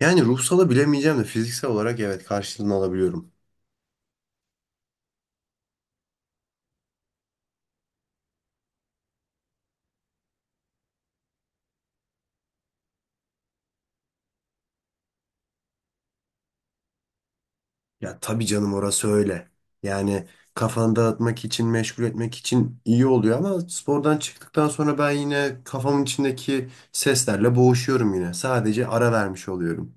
Yani ruhsala bilemeyeceğim de fiziksel olarak evet karşılığını alabiliyorum. Ya tabii canım, orası öyle. Yani kafanı dağıtmak için, meşgul etmek için iyi oluyor ama spordan çıktıktan sonra ben yine kafamın içindeki seslerle boğuşuyorum yine. Sadece ara vermiş oluyorum.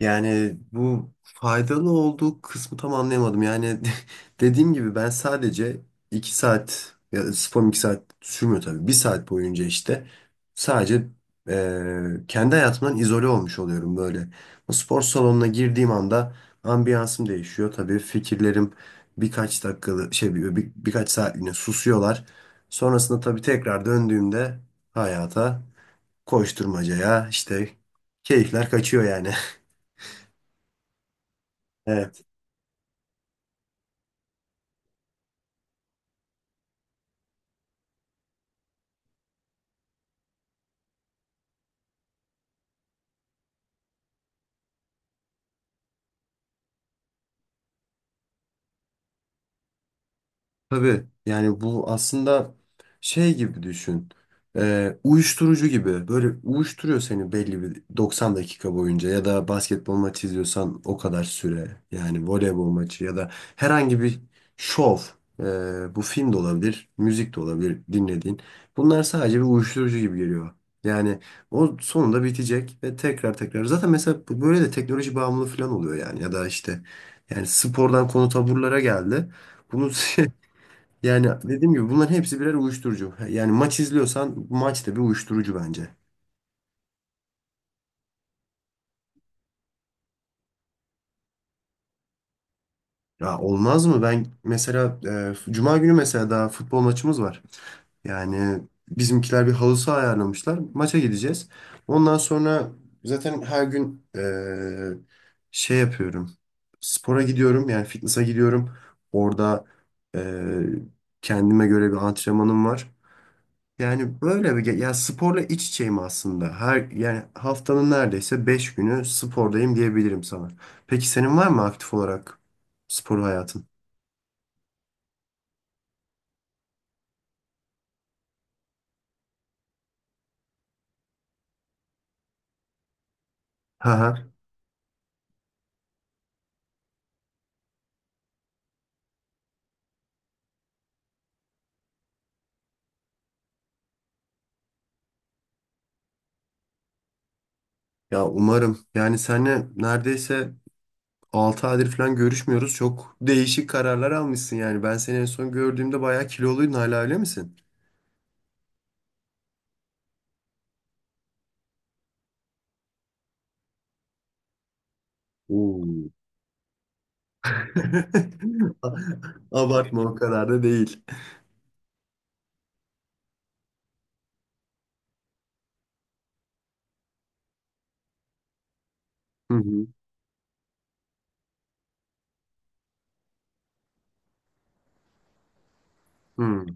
Yani bu faydalı olduğu kısmı tam anlayamadım. Yani dediğim gibi ben sadece 2 saat, ya da spor 2 saat sürmüyor tabii. 1 saat boyunca işte sadece kendi hayatımdan izole olmuş oluyorum böyle. O spor salonuna girdiğim anda ambiyansım değişiyor. Tabii fikirlerim birkaç dakikalı şey, birkaç saatliğine susuyorlar. Sonrasında tabii tekrar döndüğümde hayata, koşturmacaya işte keyifler kaçıyor yani. Tabii yani bu aslında şey gibi düşün. Uyuşturucu gibi böyle uyuşturuyor seni belli bir 90 dakika boyunca, ya da basketbol maçı izliyorsan o kadar süre, yani voleybol maçı ya da herhangi bir şov. Bu film de olabilir, müzik de olabilir dinlediğin, bunlar sadece bir uyuşturucu gibi geliyor. Yani o sonunda bitecek ve tekrar tekrar, zaten mesela böyle de teknoloji bağımlılığı falan oluyor yani, ya da işte, yani spordan konu taburlara geldi. Bunu yani dediğim gibi bunların hepsi birer uyuşturucu. Yani maç izliyorsan maç da bir uyuşturucu bence. Ya olmaz mı? Ben mesela Cuma günü mesela daha futbol maçımız var. Yani bizimkiler bir halı saha ayarlamışlar. Maça gideceğiz. Ondan sonra zaten her gün şey yapıyorum. Spora gidiyorum, yani fitness'a gidiyorum. Orada e, kendime göre bir antrenmanım var. Yani böyle ya sporla iç içeyim aslında. Her, yani haftanın neredeyse 5 günü spordayım diyebilirim sana. Peki senin var mı aktif olarak spor hayatın? Ha ha. Ya umarım. Yani seninle neredeyse 6 aydır falan görüşmüyoruz. Çok değişik kararlar almışsın yani. Ben seni en son gördüğümde bayağı kiloluydun, hala öyle misin? Oo. Abartma, o kadar da değil. Hı hı. Hı.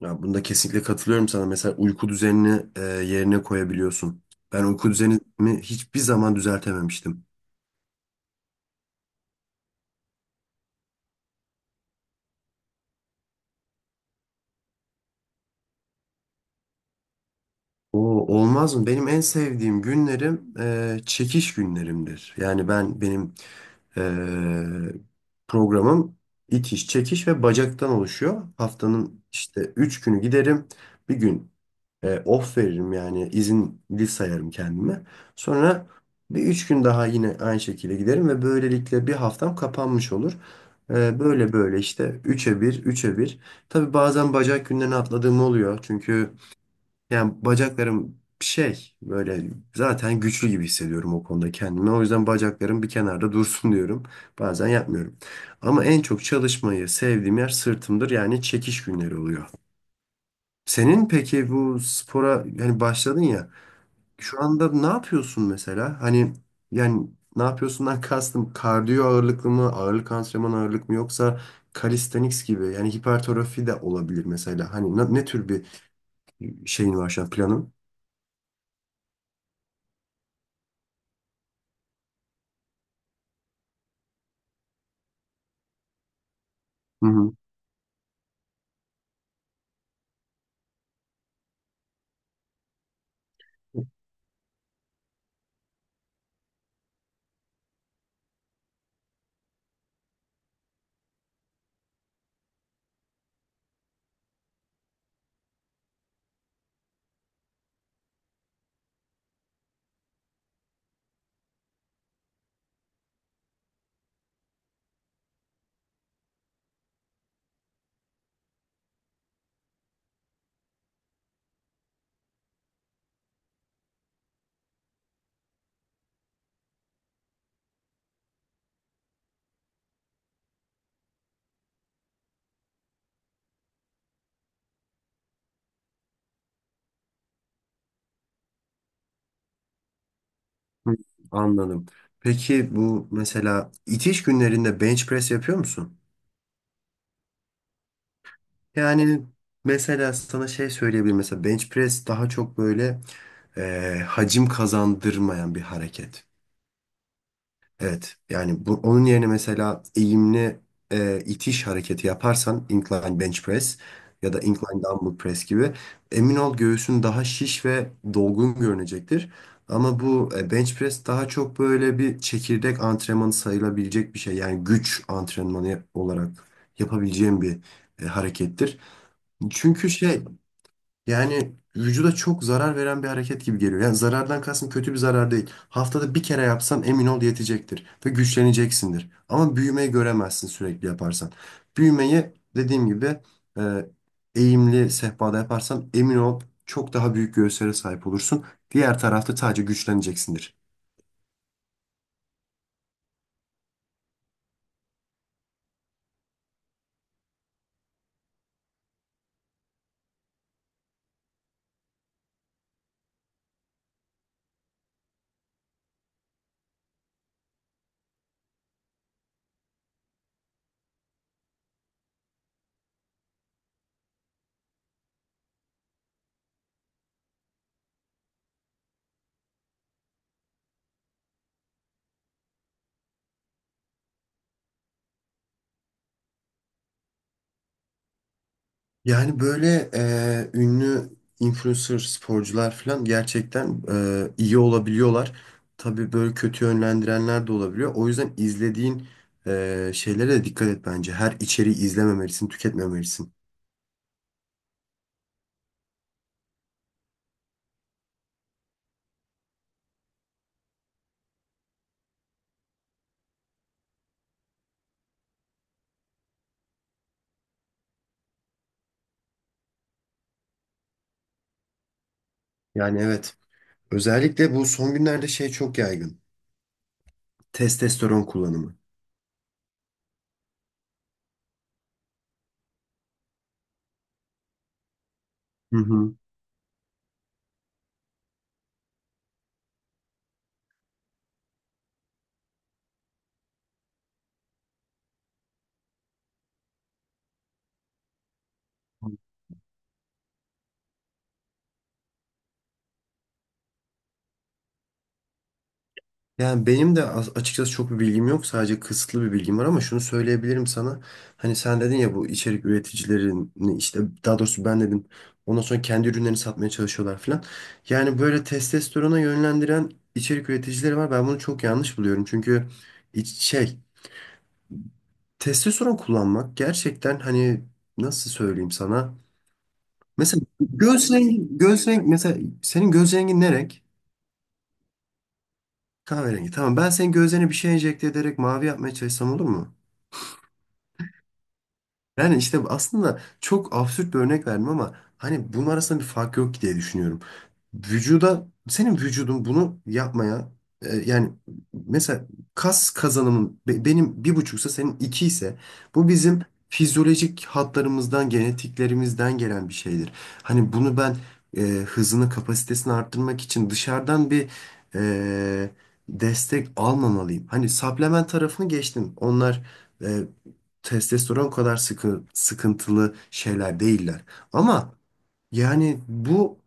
Ya bunda kesinlikle katılıyorum sana. Mesela uyku düzenini yerine koyabiliyorsun. Ben uyku düzenimi hiçbir zaman düzeltememiştim. O, olmaz mı? Benim en sevdiğim günlerim çekiş günlerimdir. Yani benim e, programım itiş, çekiş ve bacaktan oluşuyor. Haftanın işte 3 günü giderim. Bir gün off veririm, yani izinli sayarım kendime. Sonra bir 3 gün daha yine aynı şekilde giderim ve böylelikle bir haftam kapanmış olur. Böyle böyle işte, üçe bir, üçe bir. Tabii bazen bacak günlerini atladığım oluyor. Çünkü yani bacaklarım şey, böyle zaten güçlü gibi hissediyorum o konuda kendimi. O yüzden bacaklarım bir kenarda dursun diyorum. Bazen yapmıyorum. Ama en çok çalışmayı sevdiğim yer sırtımdır. Yani çekiş günleri oluyor. Senin peki bu spora, yani başladın ya. Şu anda ne yapıyorsun mesela? Hani yani, ne yapıyorsundan kastım, kardiyo ağırlıklı mı, ağırlık antrenmanı ağırlık mı, yoksa calisthenics gibi, yani hipertrofi de olabilir mesela. Hani ne, ne tür bir şeyin var şu an planın? Hı hı. Hı, anladım. Peki bu mesela itiş günlerinde bench press yapıyor musun? Yani mesela sana şey söyleyebilirim. Mesela bench press daha çok böyle hacim kazandırmayan bir hareket. Evet. Yani bu, onun yerine mesela eğimli itiş hareketi yaparsan, incline bench press ya da incline dumbbell press gibi, emin ol göğsün daha şiş ve dolgun görünecektir. Ama bu bench press daha çok böyle bir çekirdek antrenmanı sayılabilecek bir şey. Yani güç antrenmanı olarak yapabileceğim bir harekettir. Çünkü şey, yani vücuda çok zarar veren bir hareket gibi geliyor. Yani zarardan kastım kötü bir zarar değil. Haftada bir kere yapsan emin ol yetecektir ve güçleneceksindir. Ama büyümeyi göremezsin sürekli yaparsan. Büyümeyi, dediğim gibi, e, eğimli sehpada yaparsan emin ol çok daha büyük göğüslere sahip olursun. Diğer tarafta sadece güçleneceksindir. Yani böyle ünlü influencer sporcular falan gerçekten iyi olabiliyorlar. Tabii böyle kötü yönlendirenler de olabiliyor. O yüzden izlediğin şeylere de dikkat et bence. Her içeriği izlememelisin, tüketmemelisin. Yani evet. Özellikle bu son günlerde şey çok yaygın: testosteron kullanımı. Hı hı. Yani benim de açıkçası çok bir bilgim yok. Sadece kısıtlı bir bilgim var ama şunu söyleyebilirim sana. Hani sen dedin ya bu içerik üreticilerini işte, daha doğrusu ben dedim, ondan sonra kendi ürünlerini satmaya çalışıyorlar falan. Yani böyle testosterona yönlendiren içerik üreticileri var. Ben bunu çok yanlış buluyorum. Çünkü şey, testosteron kullanmak gerçekten, hani nasıl söyleyeyim sana? Mesela göz rengi mesela, senin göz rengin ne renk? Kahverengi. Tamam, ben senin gözlerine bir şey enjekte ederek mavi yapmaya çalışsam olur mu? Yani işte aslında çok absürt bir örnek verdim ama hani bunun arasında bir fark yok diye düşünüyorum. Vücuda, senin vücudun bunu yapmaya yani mesela kas kazanımın benim bir buçuksa, senin iki ise, bu bizim fizyolojik hatlarımızdan, genetiklerimizden gelen bir şeydir. Hani bunu ben hızını, kapasitesini arttırmak için dışarıdan bir e, destek almamalıyım. Hani supplement tarafını geçtim. Onlar e, testosteron kadar sıkıntılı şeyler değiller. Ama yani bu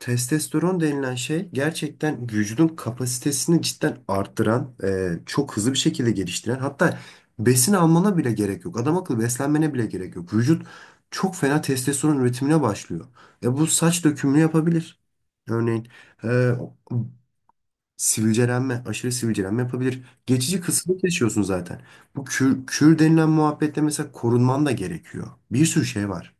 testosteron denilen şey gerçekten vücudun kapasitesini cidden arttıran, çok hızlı bir şekilde geliştiren, hatta besin almana bile gerek yok. Adam akıllı beslenmene bile gerek yok. Vücut çok fena testosteron üretimine başlıyor. Bu saç dökümünü yapabilir. Örneğin e, sivilcelenme, aşırı sivilcelenme yapabilir. Geçici kısmı yaşıyorsun zaten. Bu kür, kür denilen muhabbetle mesela korunman da gerekiyor. Bir sürü şey var.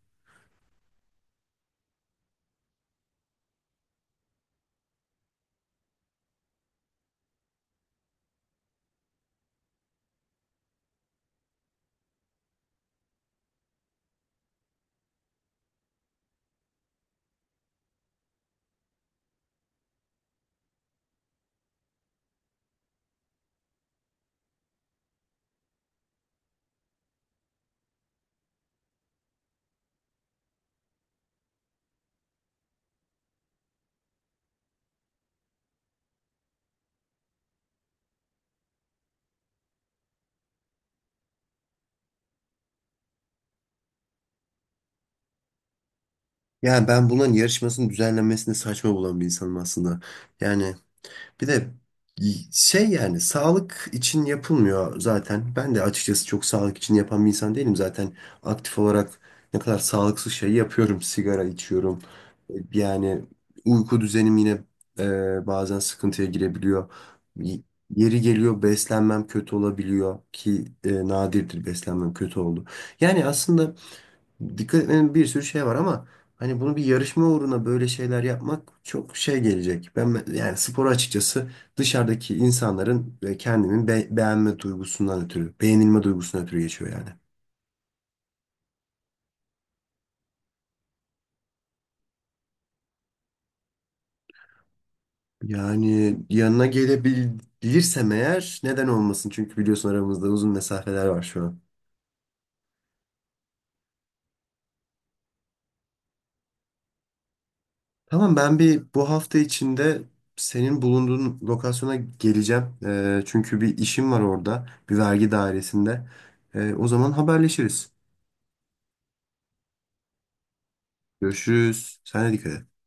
Yani ben bunların yarışmasının düzenlenmesini saçma bulan bir insanım aslında. Yani bir de şey, yani sağlık için yapılmıyor zaten. Ben de açıkçası çok sağlık için yapan bir insan değilim. Zaten aktif olarak ne kadar sağlıksız şey yapıyorum. Sigara içiyorum. Yani uyku düzenim yine bazen sıkıntıya girebiliyor. Y- Yeri geliyor beslenmem kötü olabiliyor, ki nadirdir beslenmem kötü oldu. Yani aslında dikkat etmenin bir sürü şey var ama hani bunu bir yarışma uğruna böyle şeyler yapmak çok şey gelecek. Ben, yani sporu açıkçası dışarıdaki insanların ve kendimin beğenilme duygusundan ötürü geçiyor yani. Yani yanına gelebilirsem eğer neden olmasın? Çünkü biliyorsun aramızda uzun mesafeler var şu an. Tamam, ben bir bu hafta içinde senin bulunduğun lokasyona geleceğim. Çünkü bir işim var orada, bir vergi dairesinde. O zaman haberleşiriz. Görüşürüz. Sen de dikkat et.